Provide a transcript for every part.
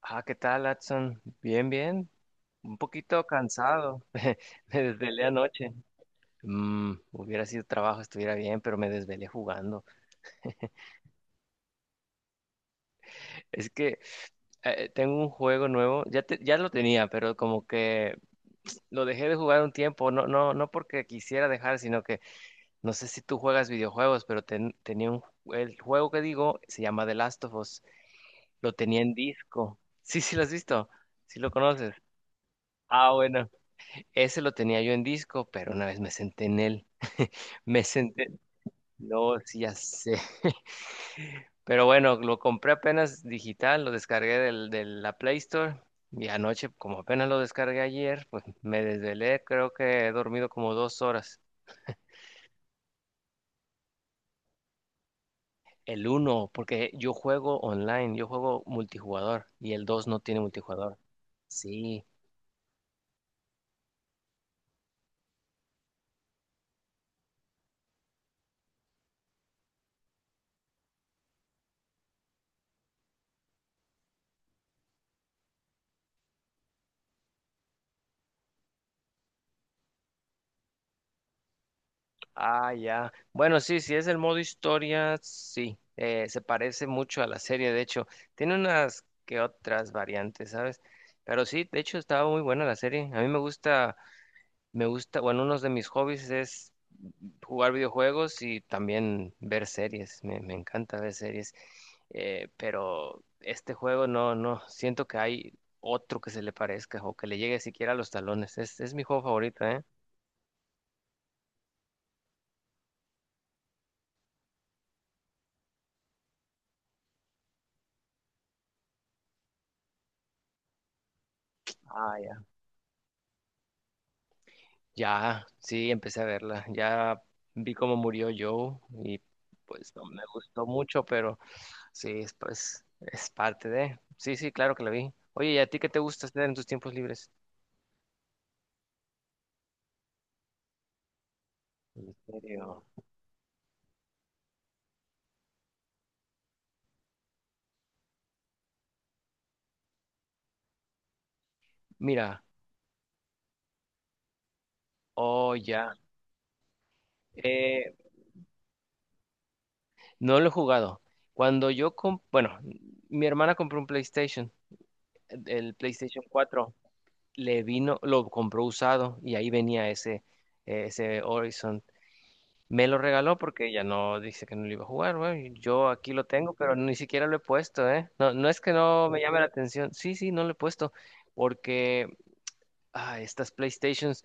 Ah, ¿qué tal, Adson? Bien, bien. Un poquito cansado. Me desvelé anoche. Hubiera sido trabajo, estuviera bien, pero me desvelé jugando. Es que tengo un juego nuevo. Ya, ya lo tenía, pero como que lo dejé de jugar un tiempo. No porque quisiera dejar, sino que no sé si tú juegas videojuegos, pero tenía un, el juego que digo se llama The Last of Us. Lo tenía en disco. Sí, sí, lo has visto. Sí lo conoces. Ah, bueno. Ese lo tenía yo en disco, pero una vez me senté en él. Me senté. No, sí, ya sé. Pero bueno, lo compré apenas digital, lo descargué de la Play Store. Y anoche, como apenas lo descargué ayer, pues me desvelé. Creo que he dormido como 2 horas. El uno, porque yo juego online, yo juego multijugador. Y el dos no tiene multijugador. Sí. Ah, ya. Bueno, sí, si es el modo historia, sí. Se parece mucho a la serie, de hecho. Tiene unas que otras variantes, ¿sabes? Pero sí, de hecho, estaba muy buena la serie. A mí me gusta, bueno, uno de mis hobbies es jugar videojuegos y también ver series. Me encanta ver series. Pero este juego no, siento que hay otro que se le parezca o que le llegue siquiera a los talones. Es mi juego favorito, ¿eh? Ah, ya. Ya, sí, empecé a verla. Ya vi cómo murió Joe y pues no me gustó mucho, pero sí, es, pues es parte de... Sí, sí, claro que la vi. Oye, ¿y a ti qué te gusta hacer en tus tiempos libres? Misterio. Mira, oh, ya. Eh, no lo he jugado. Cuando yo, bueno, mi hermana compró un PlayStation, el PlayStation 4 le vino, lo compró usado y ahí venía ese, ese Horizon. Me lo regaló porque ya no dice que no lo iba a jugar, güey. Yo aquí lo tengo, pero ni siquiera lo he puesto, ¿eh? No, no es que no me llame la atención. Sí, sí, no lo he puesto. Porque estas PlayStations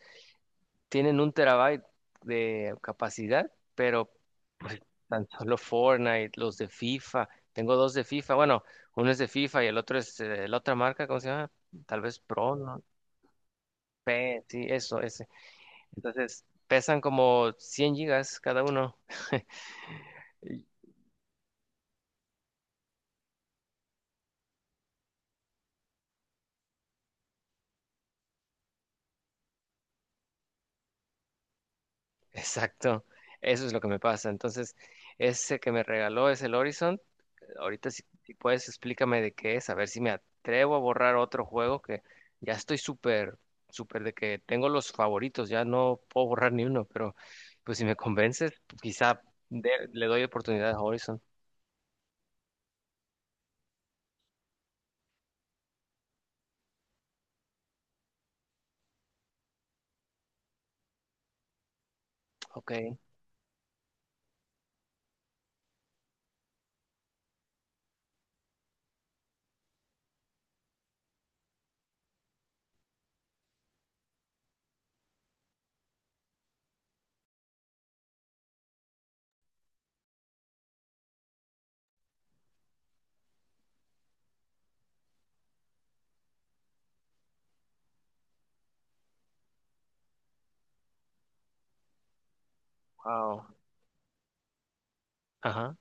tienen un terabyte de capacidad, pero pues tan solo Fortnite, los de FIFA. Tengo dos de FIFA. Bueno, uno es de FIFA y el otro es la otra marca, ¿cómo se llama? Tal vez Pro, ¿no? P, sí, eso, ese. Entonces pesan como 100 gigas cada uno. Exacto, eso es lo que me pasa. Entonces, ese que me regaló es el Horizon. Ahorita si puedes explícame de qué es, a ver si me atrevo a borrar otro juego que ya estoy súper, súper de que tengo los favoritos, ya no puedo borrar ni uno, pero pues si me convences, quizá le doy oportunidad a Horizon. Ok, wow. Ajá,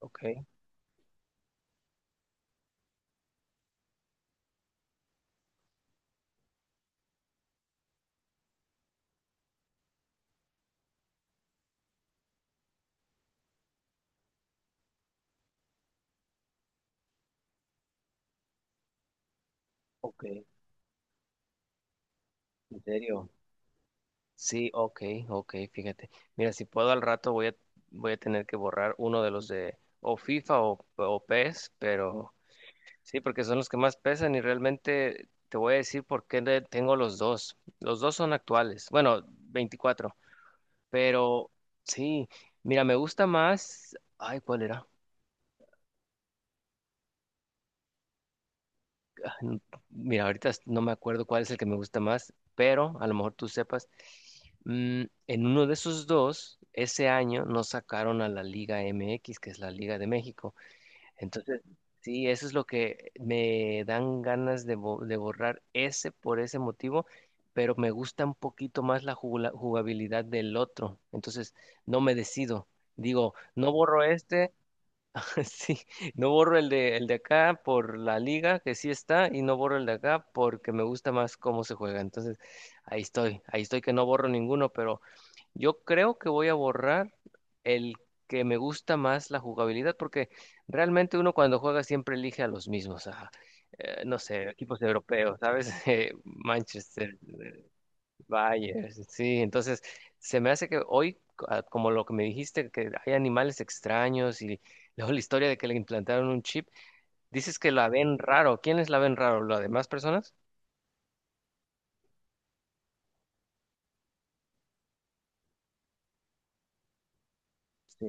ok, ok, en serio. Sí, ok, ok, fíjate. Mira, si puedo al rato voy a, voy a tener que borrar uno de los de o FIFA o PES, pero sí, porque son los que más pesan y realmente te voy a decir por qué le tengo los dos. Los dos son actuales, bueno, 24, pero sí, mira, me gusta más, ay, ¿cuál era? ah, n- Mira, ahorita no me acuerdo cuál es el que me gusta más, pero a lo mejor tú sepas. En uno de esos dos, ese año nos sacaron a la Liga MX, que es la Liga de México. Entonces, sí, eso es lo que me dan ganas de, de borrar ese por ese motivo, pero me gusta un poquito más la jugabilidad del otro. Entonces, no me decido. Digo, no borro este. Sí, no borro el de acá por la liga, que sí está, y no borro el de acá porque me gusta más cómo se juega. Entonces, ahí estoy que no borro ninguno, pero yo creo que voy a borrar el que me gusta más la jugabilidad, porque realmente uno cuando juega siempre elige a los mismos, no sé, equipos europeos, ¿sabes? Manchester, Vaya, sí, entonces se me hace que hoy, como lo que me dijiste, que hay animales extraños y luego la historia de que le implantaron un chip, dices que la ven raro. ¿Quiénes la ven raro? ¿Las demás personas? Sí.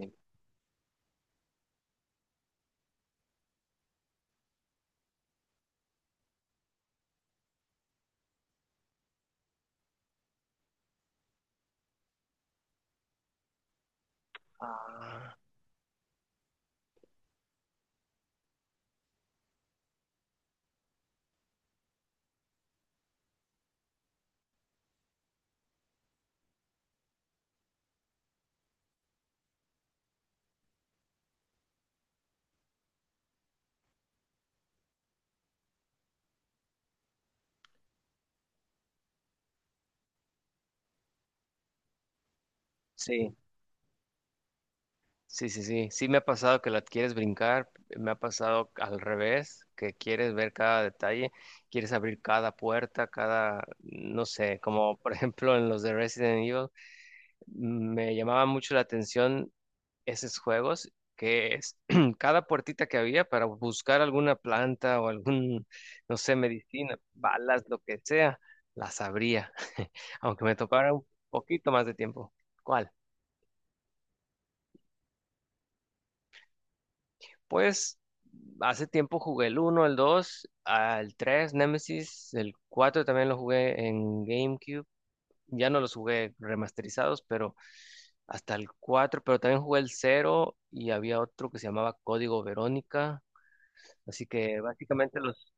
Ah, sí, sí, sí, sí. Sí me ha pasado que la quieres brincar, me ha pasado al revés, que quieres ver cada detalle, quieres abrir cada puerta, cada, no sé, como por ejemplo en los de Resident Evil, me llamaba mucho la atención esos juegos que es cada puertita que había para buscar alguna planta o algún, no sé, medicina, balas, lo que sea, las abría, aunque me tocara un poquito más de tiempo. ¿Cuál? Pues hace tiempo jugué el uno el 2 el 3 Nemesis, el 4 también lo jugué en GameCube. Ya no los jugué remasterizados, pero hasta el 4 pero también jugué el cero y había otro que se llamaba Código Verónica. Así que básicamente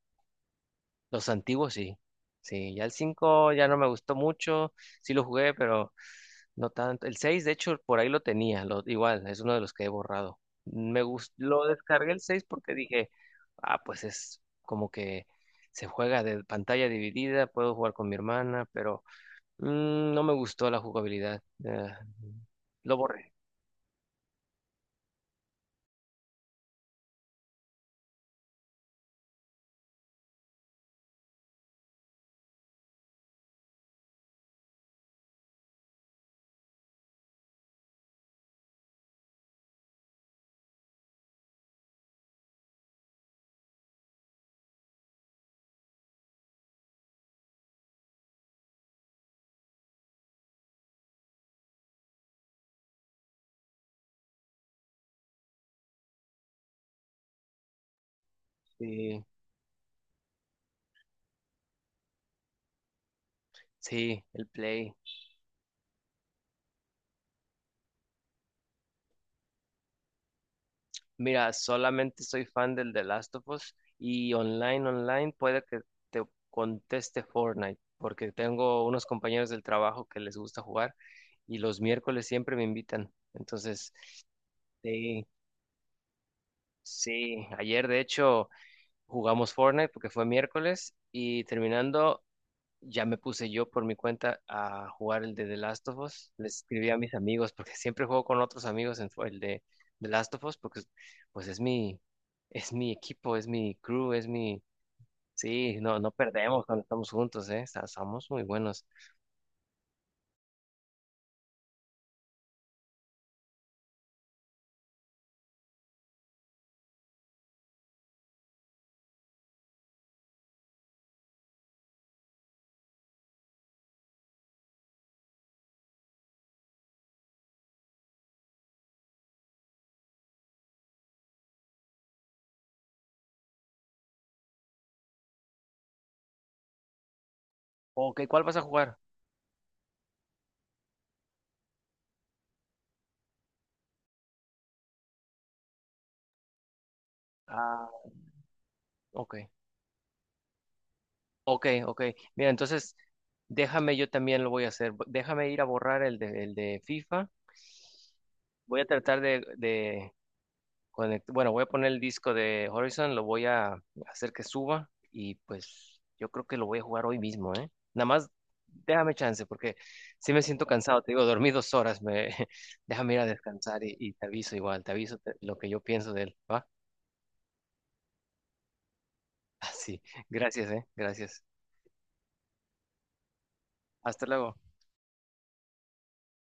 los antiguos sí. Sí, ya el 5 ya no me gustó mucho. Sí lo jugué, pero no tanto. El 6 de hecho, por ahí lo tenía. Lo, igual, es uno de los que he borrado. Me gustó, lo descargué el 6 porque dije, ah, pues es como que se juega de pantalla dividida, puedo jugar con mi hermana, pero mm, no me gustó la jugabilidad. Lo borré. Sí, sí, el Play. Mira, solamente soy fan del The Last of Us y online, online puede que te conteste Fortnite, porque tengo unos compañeros del trabajo que les gusta jugar y los miércoles siempre me invitan. Entonces, sí, sí, ayer de hecho jugamos Fortnite porque fue miércoles y terminando ya me puse yo por mi cuenta a jugar el de The Last of Us. Le escribí a mis amigos porque siempre juego con otros amigos en el de The Last of Us porque pues es mi equipo, es mi crew, es mi sí, no perdemos cuando estamos juntos, eh. Somos muy buenos. Ok, ¿cuál vas a jugar? Ah, ok. Ok, ok. Mira, entonces déjame, yo también lo voy a hacer. Déjame ir a borrar el el de FIFA. Voy a tratar de bueno, voy a poner el disco de Horizon, lo voy a hacer que suba y pues yo creo que lo voy a jugar hoy mismo, ¿eh? Nada más déjame chance porque sí me siento cansado, te digo, dormí 2 horas, me déjame ir a descansar y te aviso igual, te aviso lo que yo pienso de él, ¿va? Así, gracias, ¿eh? Gracias. Hasta luego.